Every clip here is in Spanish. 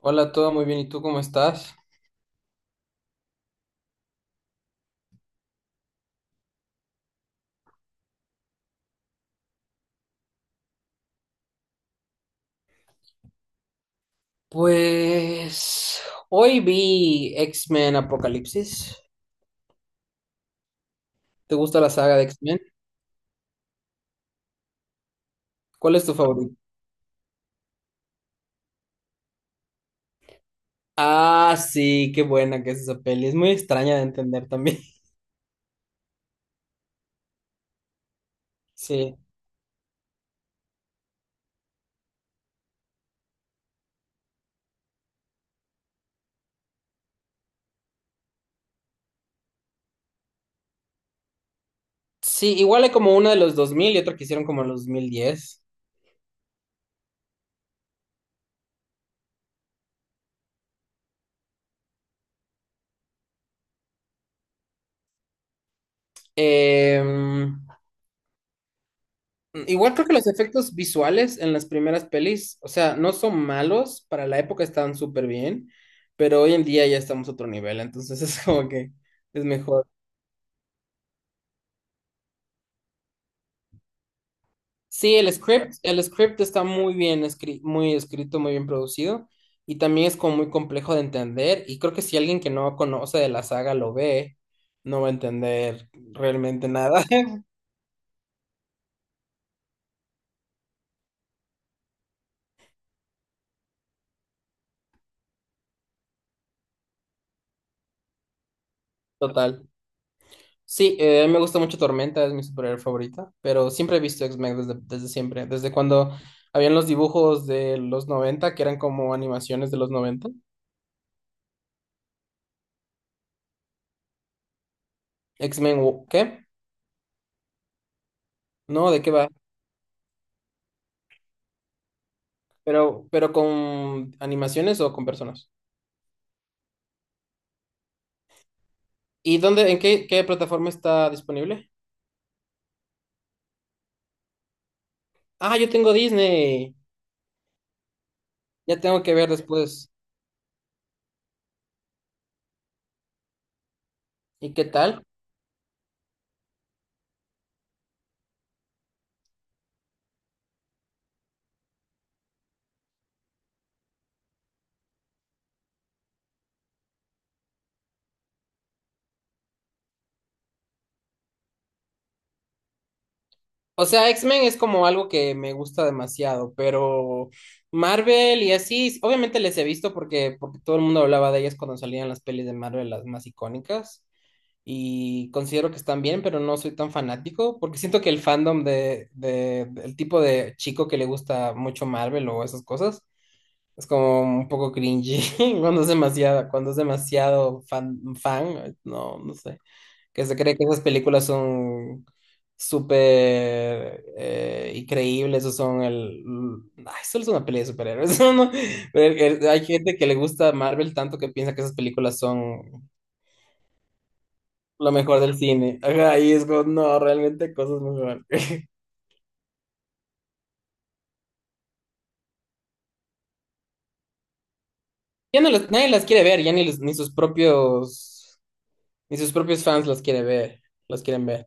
Hola, todo muy bien. ¿Y tú cómo estás? Pues hoy vi X-Men Apocalipsis. ¿Te gusta la saga de X-Men? ¿Cuál es tu favorito? Ah, sí, qué buena que es esa peli. Es muy extraña de entender también. Sí. Sí, igual hay como una de los 2000 y otra que hicieron como en los 2010. Em, Igual creo que los efectos visuales en las primeras pelis, o sea, no son malos. Para la época estaban súper bien, pero hoy en día ya estamos a otro nivel. Entonces es como que es mejor. Sí, el script está muy bien escri- muy escrito, muy bien producido y también es como muy complejo de entender y creo que si alguien que no conoce de la saga lo ve, no va a entender realmente nada. Total. Sí, a mí me gusta mucho Tormenta, es mi superhéroe favorita, pero siempre he visto X-Men desde siempre, desde cuando habían los dibujos de los noventa que eran como animaciones de los 90. X-Men, ¿qué? No, ¿de qué va? Pero con animaciones o con personas. ¿Y dónde, qué plataforma está disponible? Ah, yo tengo Disney. Ya tengo que ver después. ¿Y qué tal? O sea, X-Men es como algo que me gusta demasiado, pero Marvel y así, obviamente les he visto porque todo el mundo hablaba de ellas cuando salían las pelis de Marvel, las más icónicas, y considero que están bien, pero no soy tan fanático, porque siento que el fandom del tipo de chico que le gusta mucho Marvel o esas cosas, es como un poco cringy cuando es demasiado fan, no, no sé, que se cree que esas películas son súper increíbles o son el... Ay, solo es una peli de superhéroes, eso no- pero hay gente que le gusta Marvel tanto que piensa que esas películas son lo mejor del cine. Ajá, y es como, no, realmente cosas mejor. Ya no las- nadie las quiere ver, ya ni, los- ni sus propios fans las quiere ver, las quieren ver.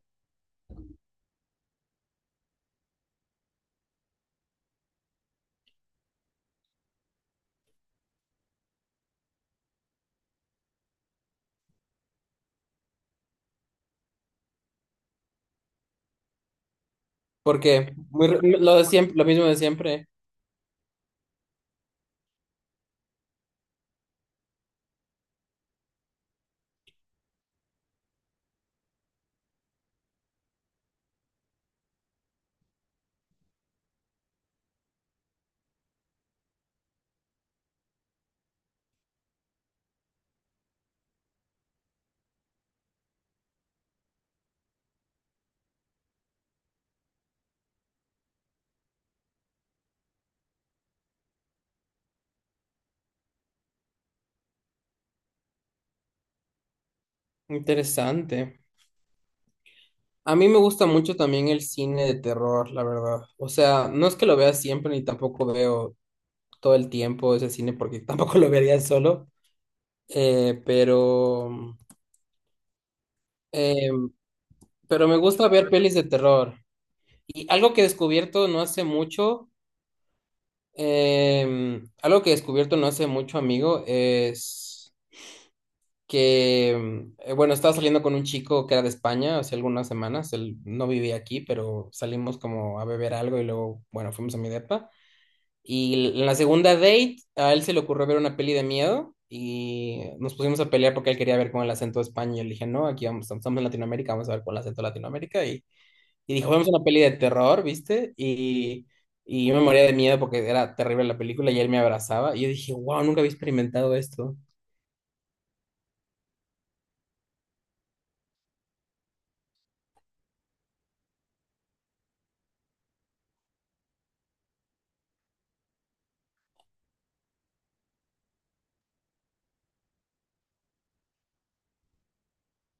Porque muy, re- lo de siempre, lo mismo de siempre. Interesante. A mí me gusta mucho también el cine de terror, la verdad. O sea, no es que lo vea siempre ni tampoco veo todo el tiempo ese cine porque tampoco lo vería solo. Eh, pero, eh, pero me gusta ver pelis de terror. Y algo que he descubierto no hace mucho, algo que he descubierto no hace mucho, amigo, es que, bueno, estaba saliendo con un chico que era de España hace algunas semanas, él no vivía aquí, pero salimos como a beber algo y luego, bueno, fuimos a mi depa. Y en la segunda date, a él se le ocurrió ver una peli de miedo y nos pusimos a pelear porque él quería ver con el acento de España. Y yo le dije, no, aquí vamos, estamos en Latinoamérica, vamos a ver con el acento de Latinoamérica. Y dijo, vemos una peli de terror, ¿viste? Y yo me moría de miedo porque era terrible la película y él me abrazaba. Y yo dije, wow, nunca había experimentado esto.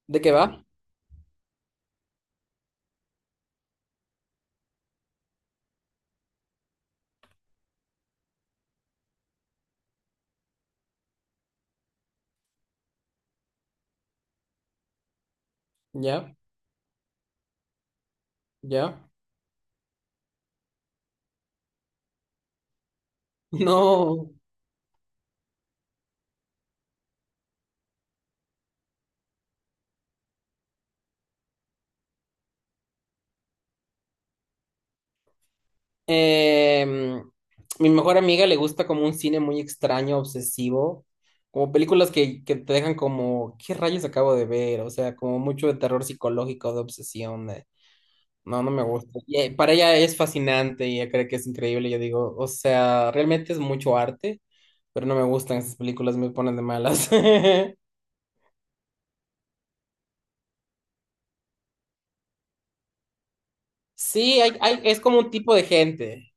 ¿De qué va? ¿Ya? ¿Ya? No, em, mi mejor amiga le gusta como un cine muy extraño, obsesivo, como películas que te dejan como, ¿qué rayos acabo de ver? O sea, como mucho de terror psicológico, de obsesión, de, no, no me gusta. Y, para ella es fascinante y ella cree que es increíble, yo digo, o sea, realmente es mucho arte, pero no me gustan esas películas, me ponen de malas. Sí, es como un tipo de gente,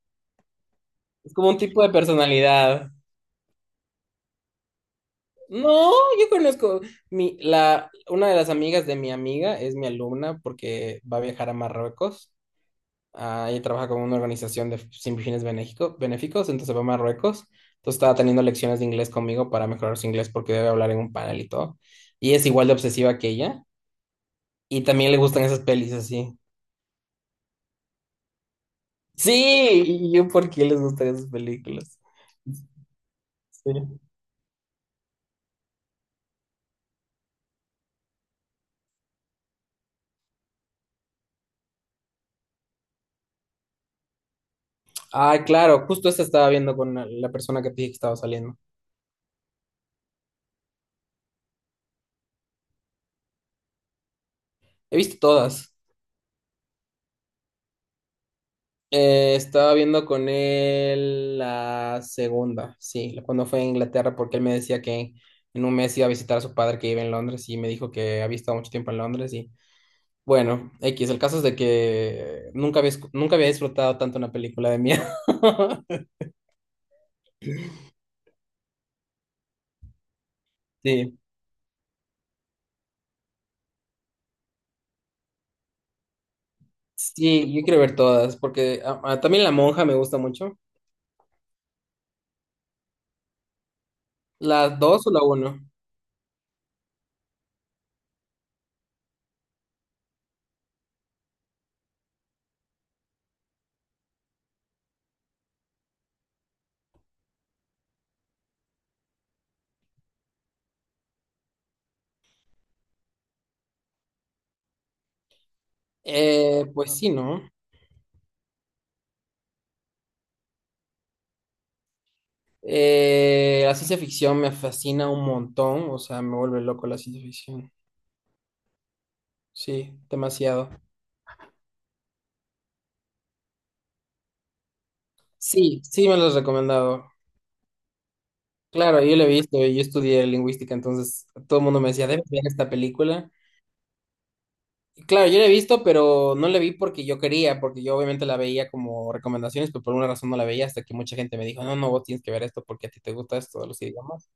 es como un tipo de personalidad. No, yo conozco una de las amigas de mi amiga es mi alumna porque va a viajar a Marruecos. Ah, ella trabaja con una organización de sin fines benéfico- benéficos, entonces va a Marruecos. Entonces estaba teniendo lecciones de inglés conmigo para mejorar su inglés porque debe hablar en un panel y todo. Y es igual de obsesiva que ella. Y también le gustan esas pelis así. Sí, y yo por qué les gustan esas películas. Sí. Ah, claro, justo esta estaba viendo con la persona que te dije que estaba saliendo. He visto todas. Estaba viendo con él la segunda, sí, la- cuando fue a Inglaterra, porque él me decía que en un mes iba a visitar a su padre que vive en Londres y me dijo que había estado mucho tiempo en Londres y bueno, X, el caso es de que nunca había, escu- nunca había disfrutado tanto una película de miedo. Sí, sí, yo quiero ver todas, porque ah, ah, también La Monja me gusta mucho. ¿Las dos o la uno? Pues sí, ¿no? La ciencia ficción me fascina un montón, o sea, me vuelve loco la ciencia ficción. Sí, demasiado. Sí, sí me lo has recomendado. Claro, yo la he visto, yo estudié lingüística, entonces todo el mundo me decía, debes ver esta película. Y claro, yo la he visto, pero no la vi porque yo quería, porque yo obviamente la veía como recomendaciones, pero por una razón no la veía hasta que mucha gente me dijo, no, no, vos tienes que ver esto porque a ti te gusta esto de los idiomas.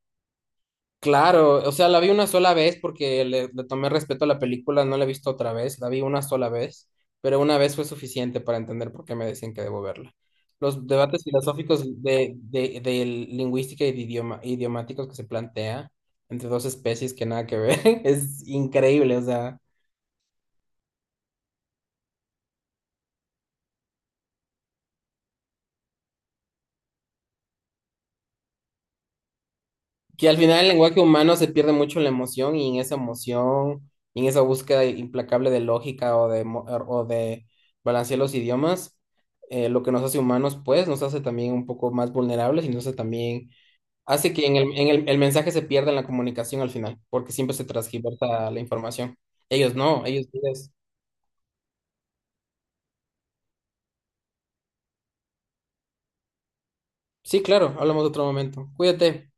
Claro, o sea, la vi una sola vez porque le tomé respeto a la película, no la he visto otra vez, la vi una sola vez, pero una vez fue suficiente para entender por qué me decían que debo verla. Los debates filosóficos de lingüística y de idioma, idiomáticos que se plantea entre dos especies que nada que ver, es increíble, o sea, que al final el lenguaje humano se pierde mucho la emoción y en esa emoción, y en esa búsqueda implacable de lógica o de, o de balancear los idiomas, lo que nos hace humanos, pues nos hace también un poco más vulnerables y nos hace también, hace que en el mensaje se pierda en la comunicación al final, porque siempre se transgiversa la información. Ellos no, ellos... ellos- Sí, claro, hablamos de otro momento. Cuídate.